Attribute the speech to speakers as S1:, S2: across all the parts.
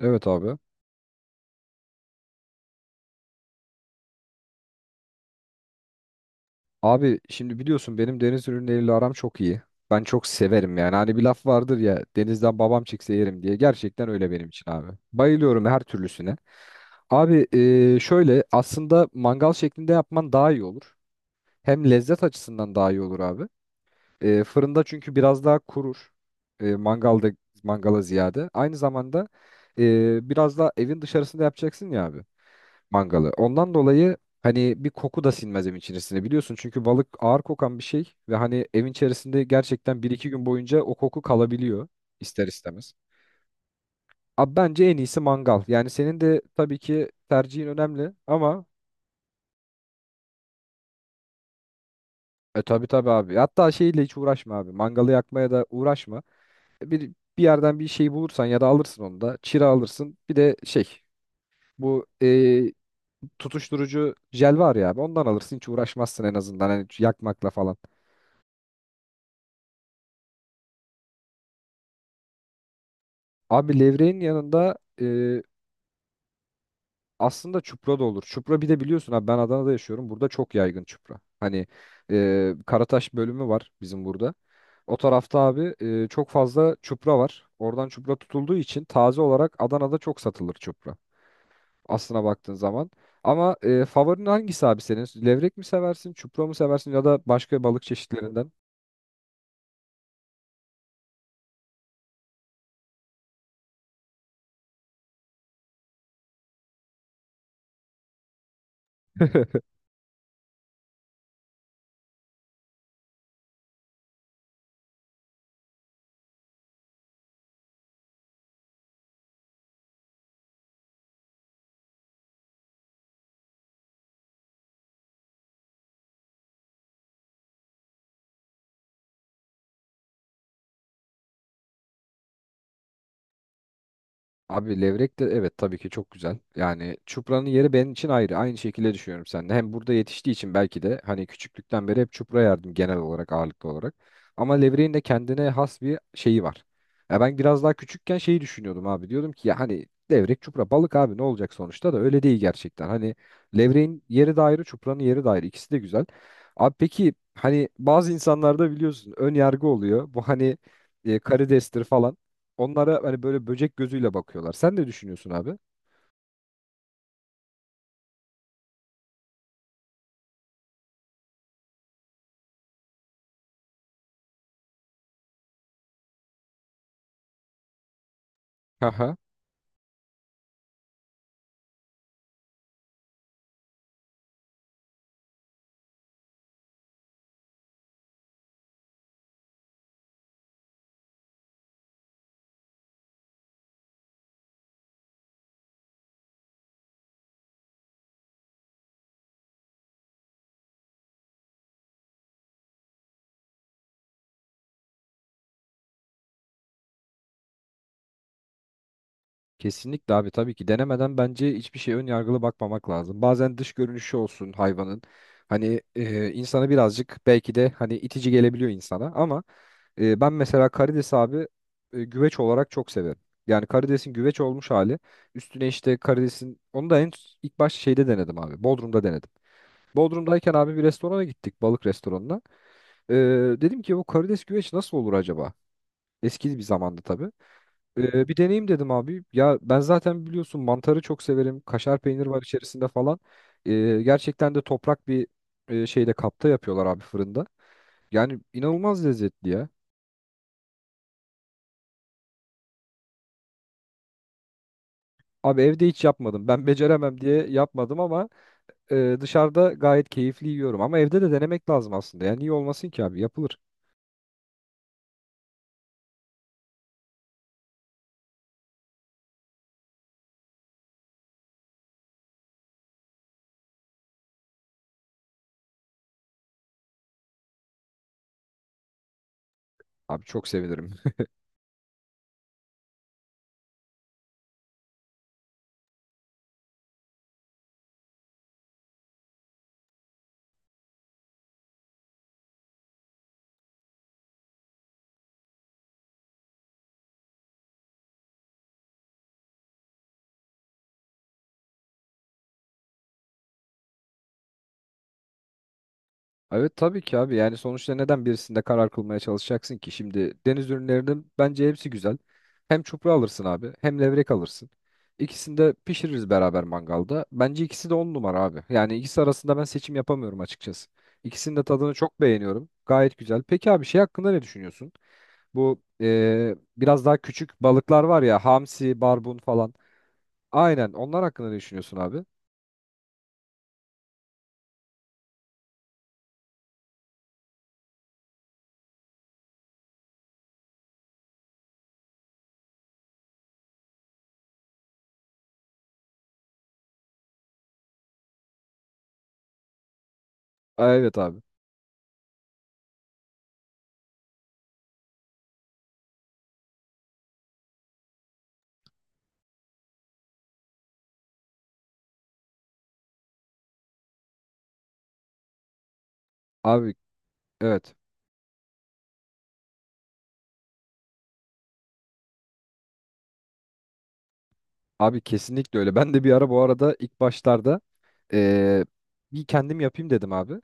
S1: Evet abi. Abi şimdi biliyorsun benim deniz ürünleriyle aram çok iyi. Ben çok severim yani. Hani bir laf vardır ya, denizden babam çekse yerim diye. Gerçekten öyle benim için abi. Bayılıyorum her türlüsüne. Abi, şöyle aslında mangal şeklinde yapman daha iyi olur. Hem lezzet açısından daha iyi olur abi. Fırında çünkü biraz daha kurur. E, mangalda Mangala ziyade. Aynı zamanda biraz daha evin dışarısında yapacaksın ya abi mangalı. Ondan dolayı hani bir koku da sinmez evin içerisine, biliyorsun. Çünkü balık ağır kokan bir şey ve hani evin içerisinde gerçekten bir iki gün boyunca o koku kalabiliyor ister istemez. Abi bence en iyisi mangal. Yani senin de tabii ki tercihin önemli ama e tabii tabii abi. Hatta şeyle hiç uğraşma abi. Mangalı yakmaya da uğraşma. Bir bir yerden bir şey bulursan ya da alırsın onu da. Çira alırsın. Bir de şey, bu tutuşturucu jel var ya abi. Ondan alırsın, hiç uğraşmazsın en azından hani yakmakla falan. Abi, levreğin yanında aslında çupra da olur. Çupra bir de biliyorsun abi, ben Adana'da yaşıyorum. Burada çok yaygın çupra. Hani Karataş bölümü var bizim burada. O tarafta abi çok fazla çupra var. Oradan çupra tutulduğu için taze olarak Adana'da çok satılır çupra. Aslına baktığın zaman. Ama favorin hangisi abi senin? Levrek mi seversin, çupra mı seversin ya da başka balık çeşitlerinden? Abi levrek de evet tabii ki çok güzel. Yani çupranın yeri benim için ayrı. Aynı şekilde düşünüyorum seninle. Hem burada yetiştiği için belki de hani küçüklükten beri hep çupra yerdim, genel olarak, ağırlıklı olarak. Ama levreğin de kendine has bir şeyi var. Ya ben biraz daha küçükken şeyi düşünüyordum abi. Diyordum ki ya hani levrek çupra balık abi, ne olacak sonuçta, da öyle değil gerçekten. Hani levreğin yeri de ayrı, çupranın yeri de ayrı. İkisi de güzel. Abi peki hani bazı insanlarda biliyorsun ön yargı oluyor. Bu hani karidestir falan, onlara hani böyle böcek gözüyle bakıyorlar. Sen ne düşünüyorsun abi? Aha. Kesinlikle abi, tabii ki denemeden bence hiçbir şeye ön yargılı bakmamak lazım. Bazen dış görünüşü olsun hayvanın. Hani insana birazcık belki de hani itici gelebiliyor insana ama ben mesela karides abi güveç olarak çok severim. Yani karidesin güveç olmuş hali. Üstüne işte karidesin onu da en ilk başta şeyde denedim abi. Bodrum'da denedim. Bodrum'dayken abi bir restorana gittik, balık restoranına. Ee, Dedim ki bu karides güveç nasıl olur acaba? Eski bir zamanda tabii. Bir deneyim dedim abi. Ya ben zaten biliyorsun mantarı çok severim. Kaşar peynir var içerisinde falan. Gerçekten de toprak bir e, şeyde kapta yapıyorlar abi, fırında. Yani inanılmaz lezzetli ya. Abi evde hiç yapmadım. Ben beceremem diye yapmadım ama dışarıda gayet keyifli yiyorum. Ama evde de denemek lazım aslında. Yani iyi olmasın ki abi, yapılır. Abi çok sevinirim. Evet tabii ki abi, yani sonuçta neden birisinde karar kılmaya çalışacaksın ki? Şimdi deniz ürünlerinin bence hepsi güzel. Hem çupra alırsın abi hem levrek alırsın. İkisini de pişiririz beraber, mangalda. Bence ikisi de on numara abi. Yani ikisi arasında ben seçim yapamıyorum açıkçası. İkisinin de tadını çok beğeniyorum. Gayet güzel. Peki abi şey hakkında ne düşünüyorsun? Bu biraz daha küçük balıklar var ya, hamsi, barbun falan. Aynen, onlar hakkında ne düşünüyorsun abi? Aa, evet abi. Abi evet. Abi kesinlikle öyle. Ben de bir ara, bu arada ilk başlarda, eee, bir kendim yapayım dedim abi.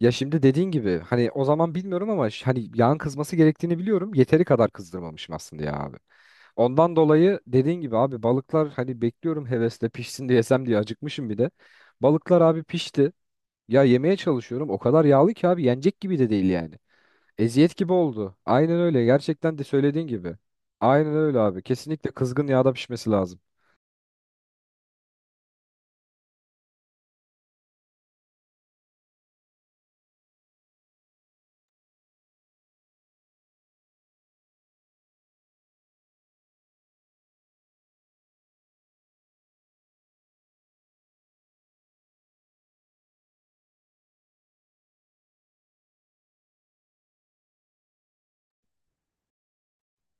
S1: Ya şimdi dediğin gibi hani o zaman bilmiyorum ama hani yağın kızması gerektiğini biliyorum. Yeteri kadar kızdırmamışım aslında ya abi. Ondan dolayı dediğin gibi abi, balıklar hani bekliyorum hevesle pişsin diye, yesem diye, acıkmışım bir de. Balıklar abi pişti. Ya yemeye çalışıyorum. O kadar yağlı ki abi, yenecek gibi de değil yani. Eziyet gibi oldu. Aynen öyle. Gerçekten de söylediğin gibi. Aynen öyle abi. Kesinlikle kızgın yağda pişmesi lazım.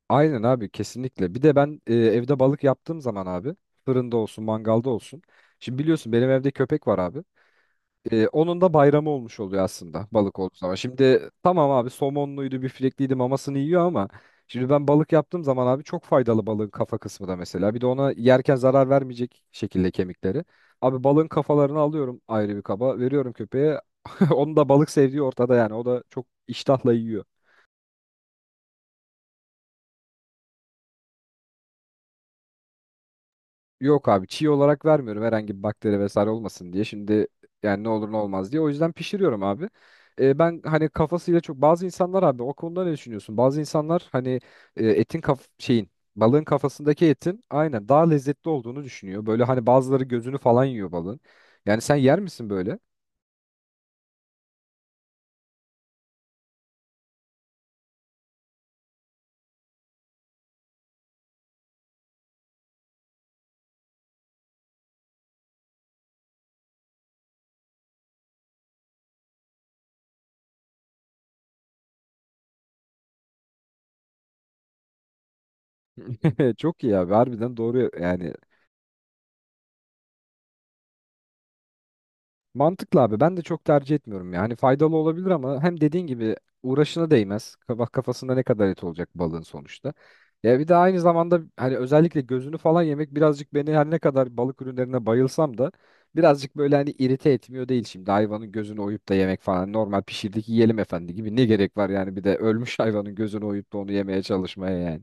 S1: Aynen abi, kesinlikle. Bir de ben evde balık yaptığım zaman abi, fırında olsun mangalda olsun. Şimdi biliyorsun benim evde köpek var abi. Onun da bayramı olmuş oluyor aslında balık olduğu zaman. Şimdi tamam abi, somonluydu biftekliydi mamasını yiyor ama şimdi ben balık yaptığım zaman abi, çok faydalı balığın kafa kısmı da mesela. Bir de ona yerken zarar vermeyecek şekilde kemikleri. Abi balığın kafalarını alıyorum, ayrı bir kaba veriyorum köpeğe. Onun da balık sevdiği ortada yani, o da çok iştahla yiyor. Yok abi, çiğ olarak vermiyorum, herhangi bir bakteri vesaire olmasın diye. Şimdi yani ne olur ne olmaz diye. O yüzden pişiriyorum abi. Ben hani kafasıyla çok, bazı insanlar abi o konuda ne düşünüyorsun? Bazı insanlar hani etin kaf şeyin balığın kafasındaki etin aynen daha lezzetli olduğunu düşünüyor. Böyle hani bazıları gözünü falan yiyor balığın. Yani sen yer misin böyle? Çok iyi abi, harbiden doğru yani. Mantıklı abi. Ben de çok tercih etmiyorum yani. Faydalı olabilir ama hem dediğin gibi uğraşına değmez. Bak kafasında ne kadar et olacak balığın sonuçta. Ya bir de aynı zamanda hani özellikle gözünü falan yemek birazcık beni, her ne kadar balık ürünlerine bayılsam da, birazcık böyle hani irite etmiyor değil şimdi. Hayvanın gözünü oyup da yemek falan, hani normal pişirdik yiyelim efendi gibi, ne gerek var yani bir de ölmüş hayvanın gözünü oyup da onu yemeye çalışmaya yani.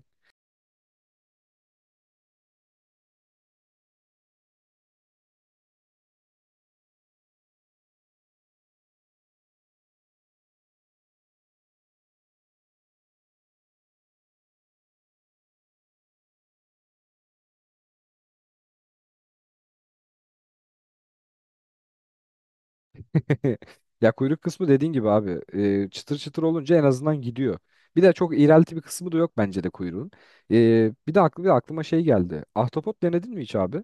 S1: Ya kuyruk kısmı dediğin gibi abi, çıtır çıtır olunca en azından gidiyor. Bir de çok iğrelti bir kısmı da yok bence de kuyruğun. Bir de aklıma şey geldi. Ahtapot denedin mi hiç abi?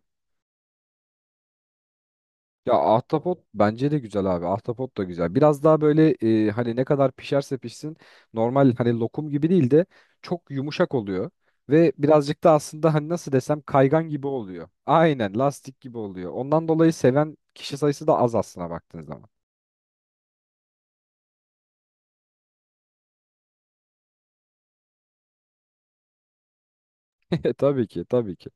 S1: Ya ahtapot bence de güzel abi. Ahtapot da güzel. Biraz daha böyle hani ne kadar pişerse pişsin, normal hani lokum gibi değil de çok yumuşak oluyor. Ve birazcık da aslında hani nasıl desem kaygan gibi oluyor. Aynen lastik gibi oluyor. Ondan dolayı seven kişi sayısı da az, aslına baktığın zaman. Tabii ki, tabii ki.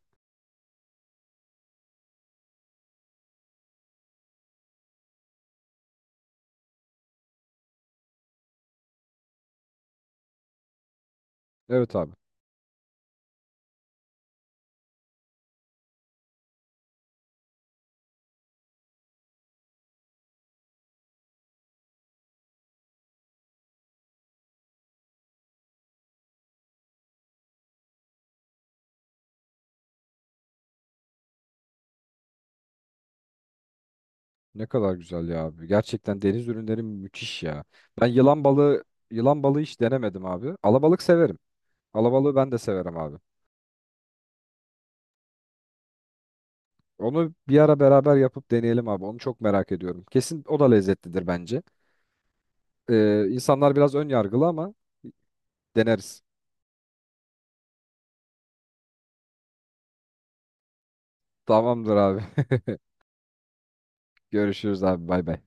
S1: Evet abi. Ne kadar güzel ya abi. Gerçekten deniz ürünleri müthiş ya. Ben yılan balığı, yılan balığı hiç denemedim abi. Alabalık severim. Alabalığı ben de severim abi. Onu bir ara beraber yapıp deneyelim abi. Onu çok merak ediyorum. Kesin o da lezzetlidir bence. İnsanlar biraz ön yargılı ama deneriz. Tamamdır abi. Görüşürüz abi. Bay bay.